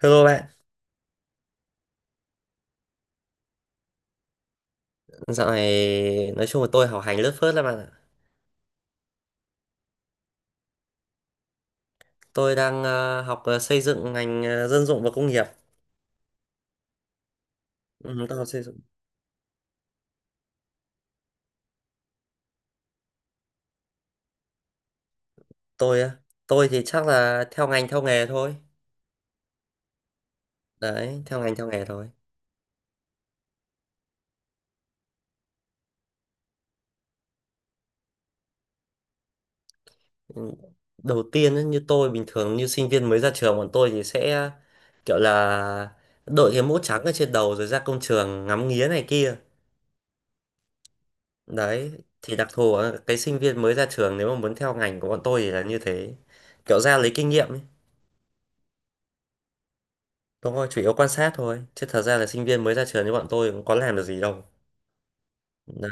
Hello bạn, dạo này nói chung là tôi học hành lướt phớt lắm bạn ạ. Tôi đang học xây dựng ngành dân dụng và công nghiệp. Ừ, tôi học xây dựng. Tôi á, tôi thì chắc là theo ngành theo nghề thôi. Đấy, theo ngành theo nghề thôi. Ừ. Đầu tiên ấy, như tôi bình thường như sinh viên mới ra trường bọn tôi thì sẽ kiểu là đội cái mũ trắng ở trên đầu rồi ra công trường ngắm nghía này kia. Đấy, thì đặc thù ở cái sinh viên mới ra trường nếu mà muốn theo ngành của bọn tôi thì là như thế. Kiểu ra lấy kinh nghiệm ấy. Đúng rồi, chủ yếu quan sát thôi. Chứ thật ra là sinh viên mới ra trường như bọn tôi cũng có làm được gì đâu. Đấy,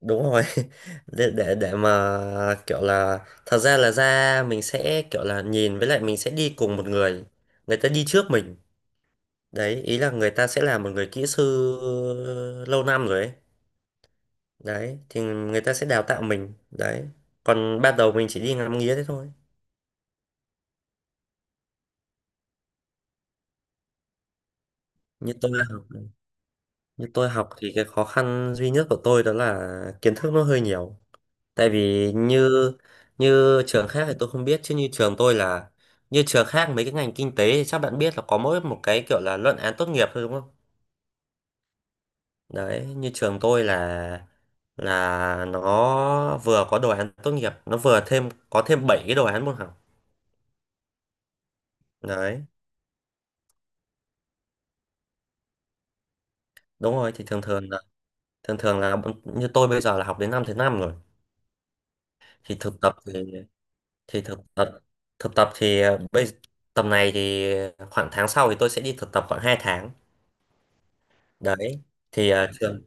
đúng rồi. Để mà kiểu là thật ra là ra mình sẽ kiểu là nhìn với lại mình sẽ đi cùng một người. Người ta đi trước mình. Đấy, ý là người ta sẽ là một người kỹ sư lâu năm rồi ấy. Đấy, thì người ta sẽ đào tạo mình. Đấy. Còn ban đầu mình chỉ đi ngắm nghía thế thôi. Như tôi học, như tôi học thì cái khó khăn duy nhất của tôi đó là kiến thức nó hơi nhiều. Tại vì như như trường khác thì tôi không biết, chứ như trường khác mấy cái ngành kinh tế thì chắc bạn biết là có mỗi một cái kiểu là luận án tốt nghiệp thôi, đúng không? Đấy, như trường tôi là nó vừa có đồ án tốt nghiệp, nó vừa thêm có thêm 7 cái đồ án môn học. Đấy, đúng rồi. Thì thường thường là như tôi bây giờ là học đến năm thứ năm rồi. Thì thực tập thì thực tập thì ờ, bây Tầm này thì khoảng tháng sau thì tôi sẽ đi thực tập khoảng 2 tháng. Đấy. Thì thường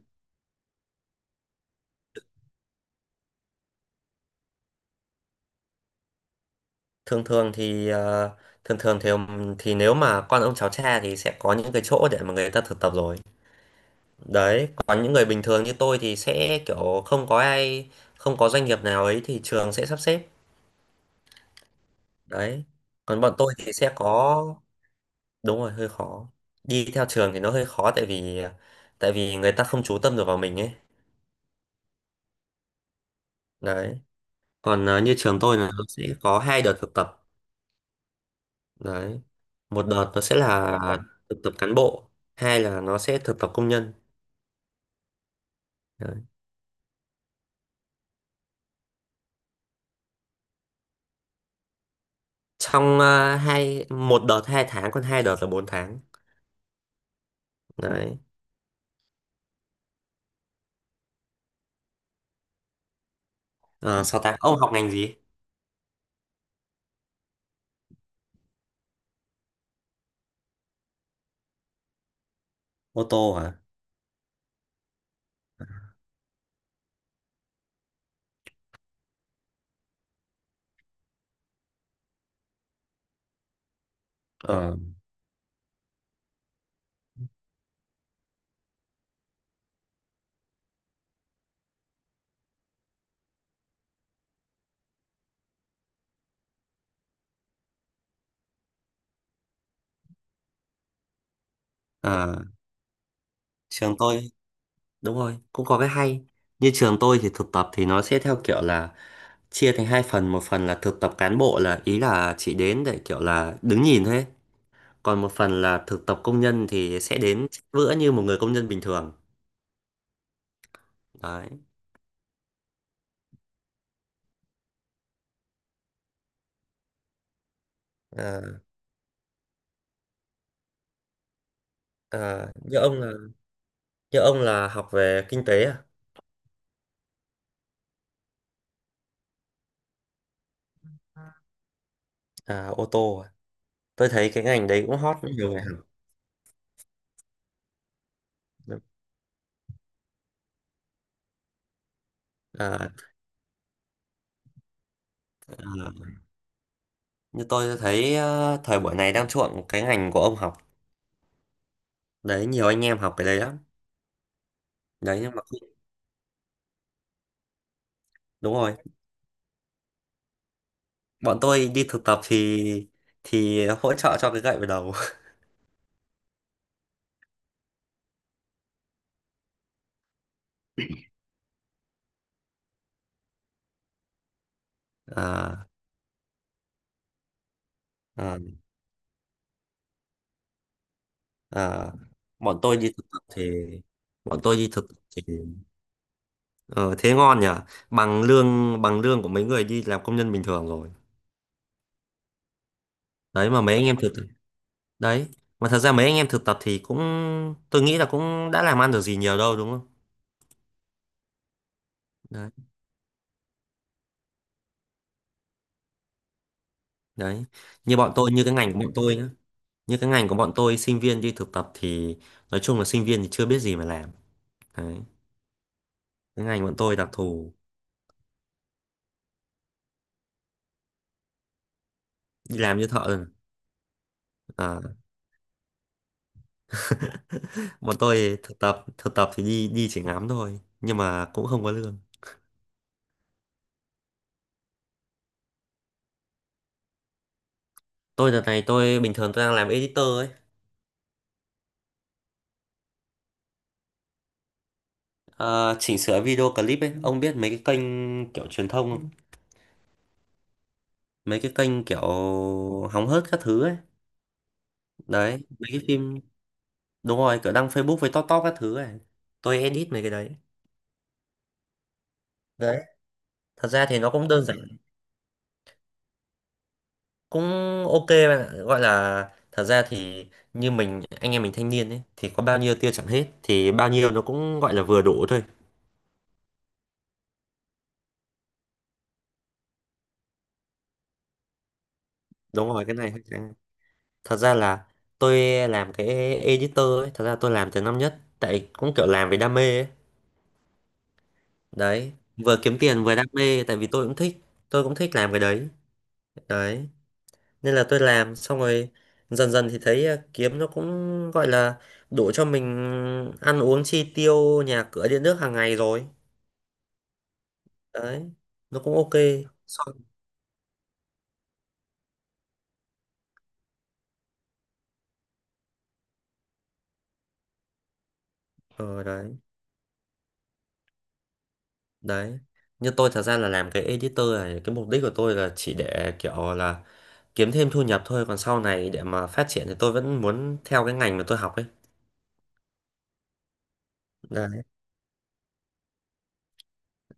thường thường thì thường thường thì nếu mà con ông cháu cha thì sẽ có những cái chỗ để mà người ta thực tập rồi. Đấy, còn những người bình thường như tôi thì sẽ kiểu không có doanh nghiệp nào ấy thì trường sẽ sắp xếp. Đấy, còn bọn tôi thì sẽ có đúng rồi hơi khó. Đi theo trường thì nó hơi khó tại vì người ta không chú tâm được vào mình ấy. Đấy, còn như trường tôi là nó sẽ có hai đợt thực tập. Đấy, một đợt nó sẽ là. Dạ vâng. Thực tập cán bộ, hai là nó sẽ thực tập công nhân. Đấy. Trong ờ, hai một đợt hai tháng, còn hai đợt là bốn tháng. Đấy. Ờ, sáu tháng ông học ngành gì? Ô tô hả? ờ ờ, Trường tôi. Đúng rồi, cũng có cái hay. Như trường tôi thì thực tập thì nó sẽ theo kiểu là chia thành hai phần, một phần là thực tập cán bộ là ý là chỉ đến để kiểu là đứng nhìn thôi ấy. Còn một phần là thực tập công nhân thì sẽ đến bữa như một người công nhân bình thường. Đấy. Ờ. À, như ông là học về kinh tế à? À, ô tô à? Tôi thấy cái ngành đấy cũng hot, nhiều người học. À, à, như tôi thấy thời buổi này đang chuộng cái ngành của ông học. Đấy, nhiều anh em học cái đấy lắm. Đấy nhưng mà đúng rồi. Bọn tôi đi thực tập thì hỗ trợ cho cái gậy vào đầu. À, à, à. Bọn tôi đi thực tập thì bọn tôi đi thực tập thì ờ, thế ngon nhỉ? Bằng lương của mấy người đi làm công nhân bình thường rồi. Đấy mà mấy anh em thực đấy mà thật ra mấy anh em thực tập thì cũng tôi nghĩ là cũng đã làm ăn được gì nhiều đâu, đúng không? Đấy đấy như cái ngành của bọn tôi nhá. Như cái ngành của bọn tôi sinh viên đi thực tập thì nói chung là sinh viên thì chưa biết gì mà làm. Đấy, cái ngành bọn tôi đặc thù, đi làm như thợ rồi. à, bọn tôi thực tập thì đi đi chỉ ngắm thôi nhưng mà cũng không có lương. Tôi đợt này Tôi bình thường tôi đang làm editor ấy. Ờ, chỉnh sửa video clip ấy. Ông biết mấy cái kênh kiểu truyền thông không? Mấy cái kênh kiểu hóng hớt các thứ ấy. Đấy, mấy cái phim. Đúng rồi, kiểu đăng Facebook với top top các thứ ấy. Tôi edit mấy cái đấy. Đấy, thật ra thì nó cũng đơn giản. Cũng ok bạn ạ. Gọi là thật ra thì như anh em mình thanh niên ấy thì có bao nhiêu tiêu chẳng hết, thì bao nhiêu nó cũng gọi là vừa đủ thôi. Đúng rồi, cái này thật ra là tôi làm cái editor ấy, thật ra tôi làm từ năm nhất tại cũng kiểu làm vì đam mê ấy. Đấy, vừa kiếm tiền vừa đam mê tại vì tôi cũng thích. Tôi cũng thích làm cái đấy. Đấy, nên là tôi làm xong rồi dần dần thì thấy kiếm nó cũng gọi là đủ cho mình ăn uống chi tiêu nhà cửa điện nước hàng ngày rồi. Đấy, nó cũng ok. Xong- ờ đấy đấy như tôi thật ra là làm cái editor này, cái mục đích của tôi là chỉ để kiểu là kiếm thêm thu nhập thôi, còn sau này để mà phát triển thì tôi vẫn muốn theo cái ngành mà tôi học ấy. Đấy,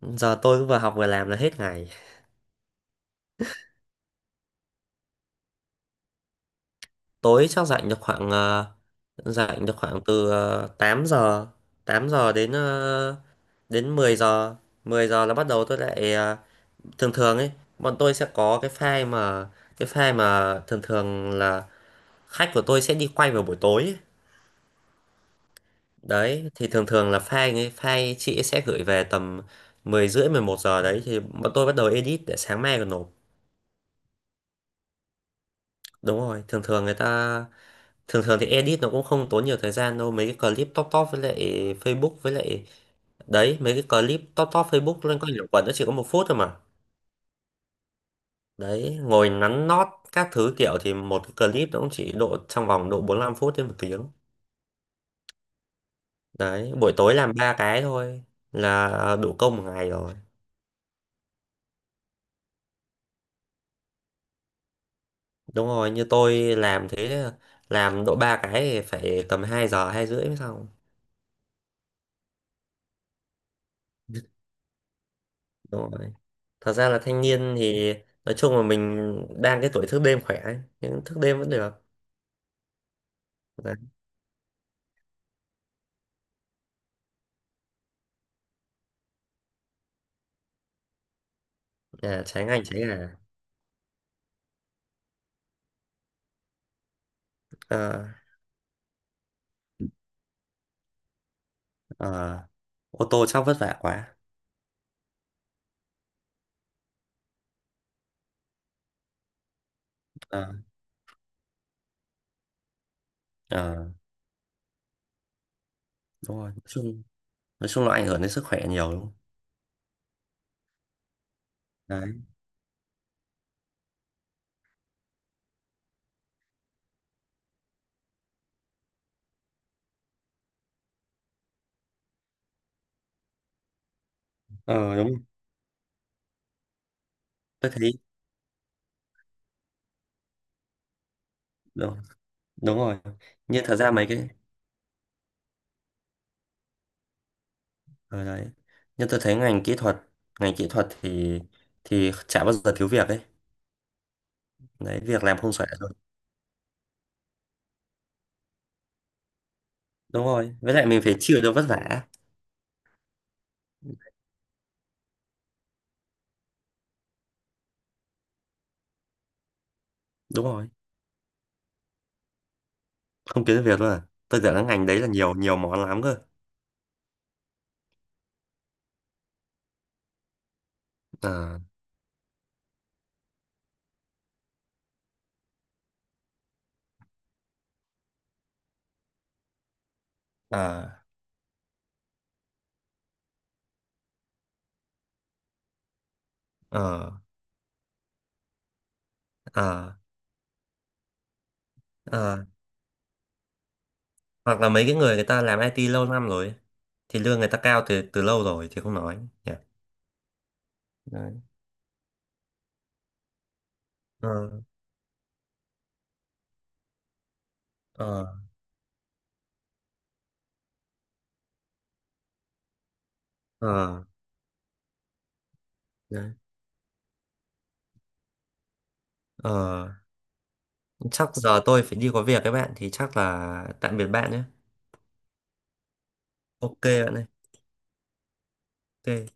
giờ tôi cứ vừa học vừa làm là hết ngày. Tối chắc rảnh được khoảng từ ờ, 8 giờ 8 giờ đến đến 10 giờ. Mười giờ là bắt đầu tôi lại thường thường ấy, bọn tôi sẽ có cái file mà thường thường là khách của tôi sẽ đi quay vào buổi tối ấy. Đấy, thì thường thường là file chị ấy sẽ gửi về tầm 10 rưỡi 11 giờ. Đấy, thì bọn tôi bắt đầu edit để sáng mai còn nộp. Đúng rồi, thường thường người ta thường thường thì edit nó cũng không tốn nhiều thời gian đâu. Mấy cái clip top top với lại Facebook với lại. Đấy, mấy cái clip top top Facebook lên coi nhiều quần, nó chỉ có một phút thôi mà. Đấy, ngồi nắn nót các thứ kiểu thì một cái clip nó cũng chỉ độ trong vòng độ bốn lăm phút đến một tiếng. Đấy, buổi tối làm ba cái thôi là đủ công một ngày rồi. Đúng rồi, như tôi làm độ ba cái thì phải tầm 2 giờ hai rưỡi mới xong. Đúng rồi. Thật ra là thanh niên thì nói chung là mình đang cái tuổi thức đêm khỏe ấy. Nhưng thức đêm vẫn được. Đấy. À, trái ngành trái ngà. Ờ, ờ, ô tô chắc vất vả quá. Ờ, ờ, đúng rồi. Nói chung là ảnh hưởng đến sức khỏe nhiều, đúng không? Đấy. Ờ, đúng. Tôi thấy đúng, đúng rồi. Như thật ra mấy cái ở đấy. Nhưng tôi thấy ngành kỹ thuật, ngành kỹ thuật thì chả bao giờ thiếu việc ấy. Đấy, việc làm không xuể rồi. Đúng rồi, với lại mình phải chịu được vất vả. Đúng rồi. Không kiếm được việc luôn à? Tôi tưởng là ngành đấy là nhiều nhiều món lắm cơ. à, ờ ờ ờ ờ Hoặc là mấy cái người người ta làm IT lâu năm rồi ấy, thì lương người ta cao từ từ lâu rồi thì không nói, nhỉ. Đấy. ờ ờ ờ Đấy. ờ Chắc giờ tôi phải đi, có việc các bạn thì chắc là tạm biệt bạn nhé. Ok bạn ơi. Ok.